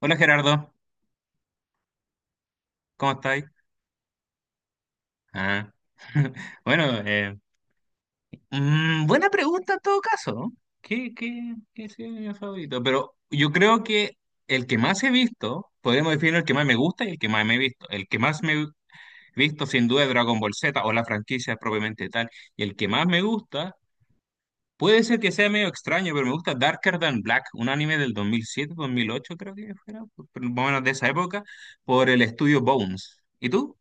Hola, Gerardo, ¿cómo estáis? Ah, bueno, buena pregunta en todo caso. ¿Qué sería mi favorito? Pero yo creo que el que más he visto, podríamos definir el que más me gusta y el que más me he visto. El que más me he visto sin duda es Dragon Ball Z o la franquicia propiamente tal. Y el que más me gusta, puede ser que sea medio extraño, pero me gusta Darker Than Black, un anime del dos mil siete, dos mil ocho creo que fuera, más o menos de esa época, por el estudio Bones. ¿Y tú?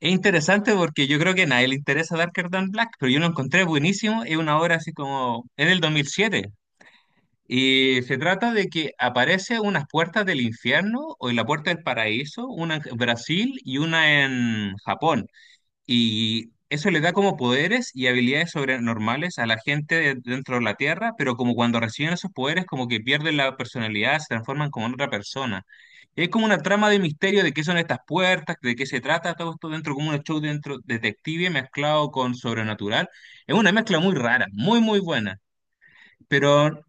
Es interesante porque yo creo que a nadie le interesa Darker Than Black, pero yo lo encontré buenísimo. Es una obra así como. Es del 2007. Y se trata de que aparece unas puertas del infierno o en la puerta del paraíso, una en Brasil y una en Japón. Y eso le da como poderes y habilidades sobrenormales a la gente dentro de la Tierra, pero como cuando reciben esos poderes, como que pierden la personalidad, se transforman como en otra persona. Y es como una trama de misterio de qué son estas puertas, de qué se trata, todo esto dentro, como un show dentro detective mezclado con sobrenatural. Es una mezcla muy rara, muy, muy buena. Pero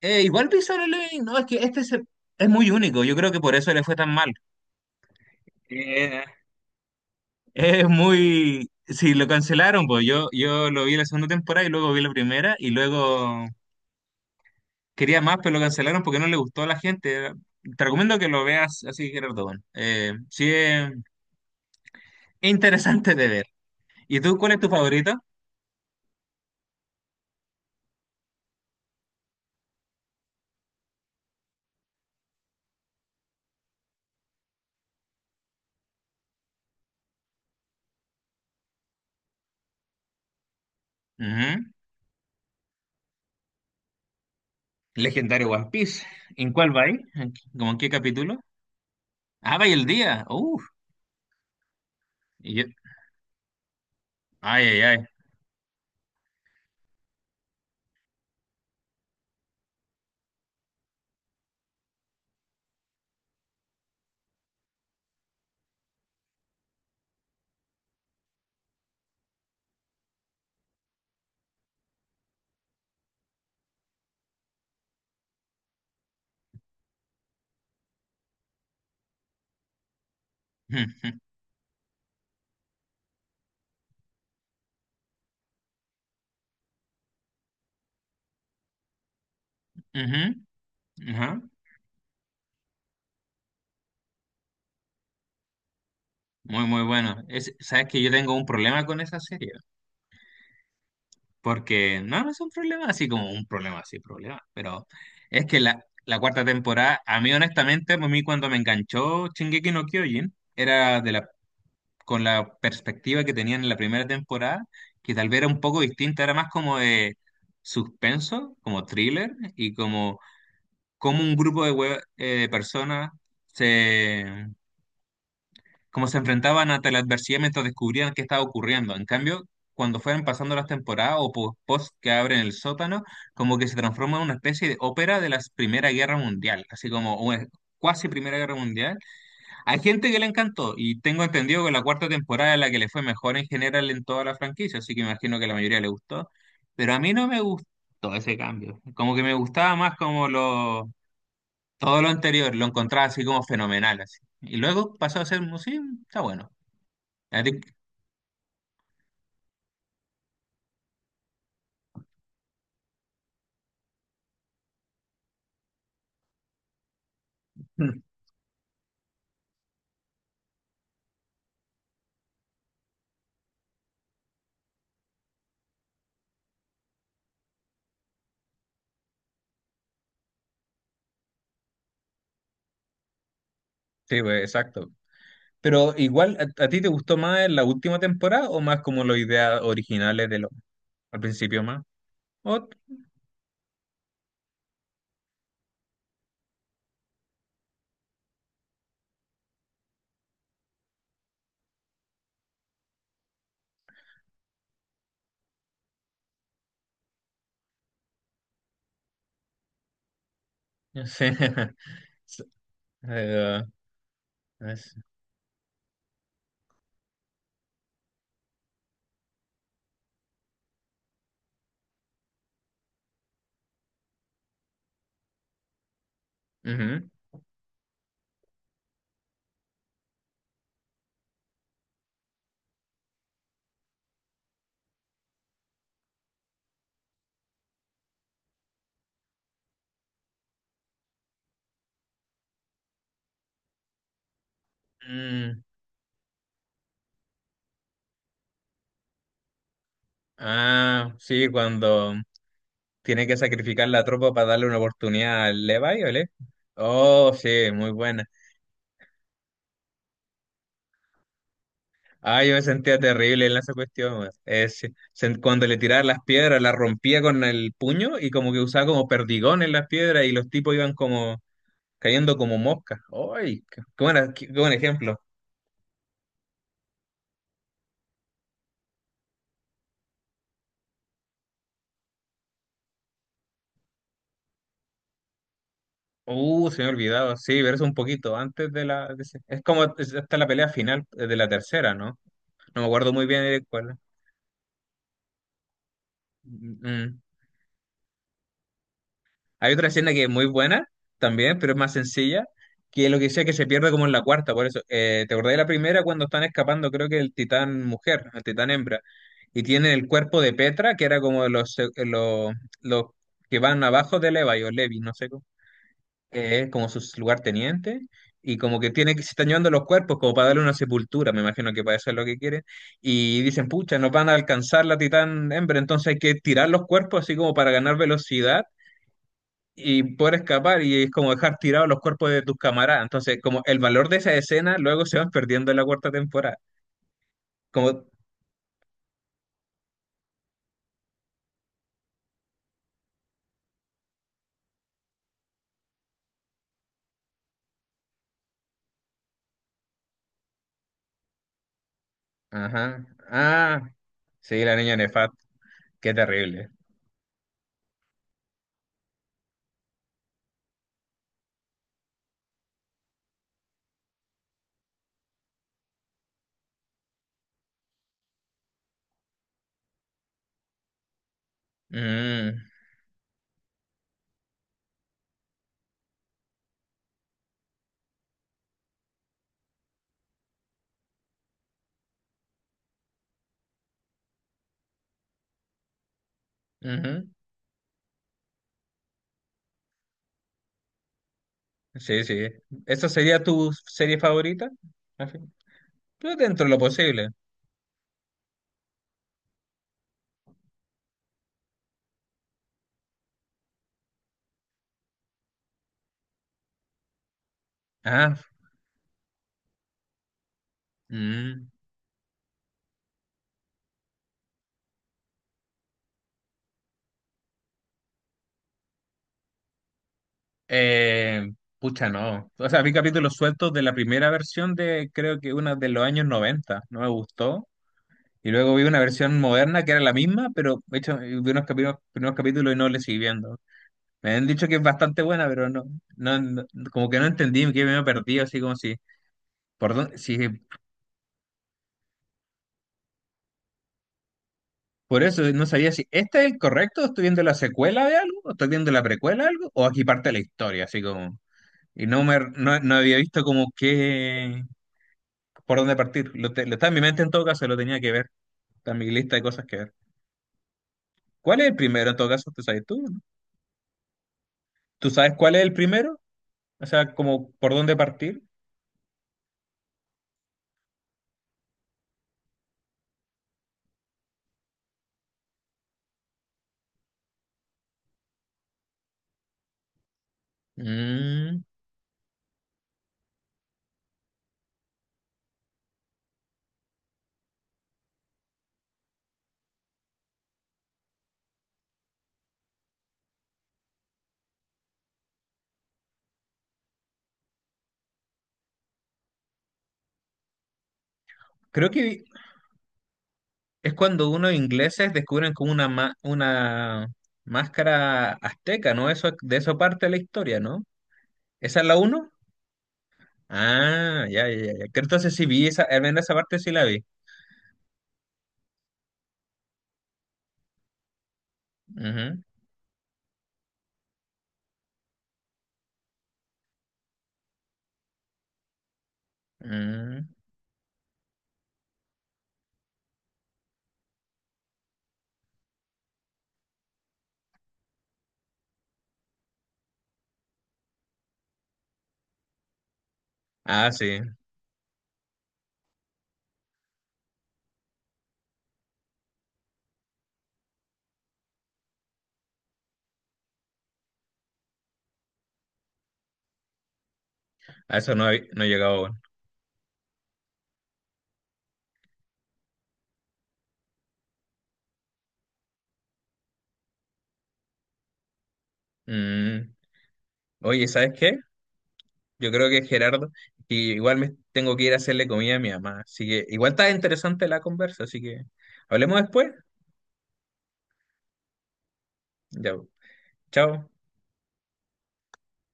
igual Visual Living, no, es que es muy único, yo creo que por eso le fue tan mal. Es muy... Sí, lo cancelaron, pues yo lo vi la segunda temporada y luego vi la primera y luego quería más, pero lo cancelaron porque no le gustó a la gente. Te recomiendo que lo veas así, Gerardo. Bueno. Sí, es interesante de ver. ¿Y tú cuál es tu favorito? Ujú. Legendario One Piece. ¿En cuál va ahí? ¿Cómo en qué capítulo? Ah, va y el día. Uf. Y yo- Ay, ay, ay. Ujú, ujú, muy, muy bueno. Es, sabes que yo tengo un problema con esa serie. Porque no, no es un problema así como un problema así, problema. Pero es que la cuarta temporada, a mí honestamente, a mí cuando me enganchó Shingeki no Kyojin, era de la, con la perspectiva que tenían en la primera temporada, que tal vez era un poco distinta, era más como de suspenso, como thriller, y como, como un grupo de personas como se enfrentaban ante la adversidad mientras descubrían qué estaba ocurriendo. En cambio, cuando fueron pasando las temporadas o post que abren el sótano, como que se transforma en una especie de ópera de la Primera Guerra Mundial, así como una cuasi Primera Guerra Mundial. Hay gente que le encantó y tengo entendido que la cuarta temporada es la que le fue mejor en general en toda la franquicia, así que imagino que a la mayoría le gustó, pero a mí no me gustó ese cambio, como que me gustaba más como lo... Todo lo anterior lo encontraba así como fenomenal, así. Y luego pasó a ser, sí, está bueno. A ti- Sí, pues, exacto. Pero igual, ¿ a ti te gustó más la última temporada o más como las ideas originales de lo al principio más? Ot- no sé. S- eh, es- ujú. Mm, ah, sí, cuando tiene que sacrificar la tropa para darle una oportunidad al Levi, ¿vale? Oh, sí, muy buena. Ah, yo me sentía terrible en esa cuestión, weón. Es, cuando le tiraba las piedras, las rompía con el puño y como que usaba como perdigón en las piedras y los tipos iban como cayendo como moscas. ¡Ay! ¡Qué qué buen ejemplo! Se me ha olvidado. Sí, pero es un poquito antes de la... es como hasta la pelea final de la tercera, ¿no? No me acuerdo muy bien de cuál. Mm, mm. Hay otra escena que es muy buena también, pero es más sencilla, que es lo que sea que se pierde como en la cuarta, por eso. ¿Te acordás de la primera cuando están escapando, creo que el titán mujer, el titán hembra, y tiene el cuerpo de Petra, que era como los que van abajo de Levi o Levi, no sé cómo, como sus lugartenientes, y como que tiene que se están llevando los cuerpos como para darle una sepultura, me imagino que para eso es lo que quieren, y dicen, pucha, nos van a alcanzar la titán hembra, entonces hay que tirar los cuerpos así como para ganar velocidad y poder escapar y es como dejar tirados los cuerpos de tus camaradas. Entonces, como el valor de esa escena luego se van perdiendo en la cuarta temporada. Como, ajá, ah, sí, la niña Nefat, qué terrible. Mm, ujú, sí, sí. ¿Esa sería tu serie favorita? Al fin, yo dentro de lo posible. Ah, mm, eh, pucha, no. O sea, vi capítulos sueltos de la primera versión de creo que una de los años 90. No me gustó. Y luego vi una versión moderna que era la misma, pero de hecho vi unos capítulos, primeros capítulos y no le seguí viendo. Me han dicho que es bastante buena, pero no, no- como que no entendí, que me he perdido, así como si, por dónde- si, por eso no sabía si este es el correcto, o estoy viendo la secuela de algo, o estoy viendo la precuela de algo, o aquí parte la historia, así como, y no me, no, no había visto como qué, por dónde partir. Lo está en mi mente en todo caso, lo tenía que ver, está en mi lista de cosas que ver. ¿Cuál es el primero en todo caso? ¿Tú sabes tú? ¿Tú sabes cuál es el primero? O sea, como por dónde partir. Mm, creo que es cuando unos ingleses descubren como una, una máscara azteca, ¿no? Eso, de eso parte la historia, ¿no? ¿Esa es la uno? Ah, ya, ya, ya, ya. Que entonces sí vi esa, al menos esa parte sí la vi. Ujú, mm. Ah, sí. A eso no, no he llegado aún. Mm. Oye, ¿sabes qué? Yo creo que Gerardo, y igual me tengo que ir a hacerle comida a mi mamá. Así que igual está interesante la conversa, así que hablemos después. Ya. Chao.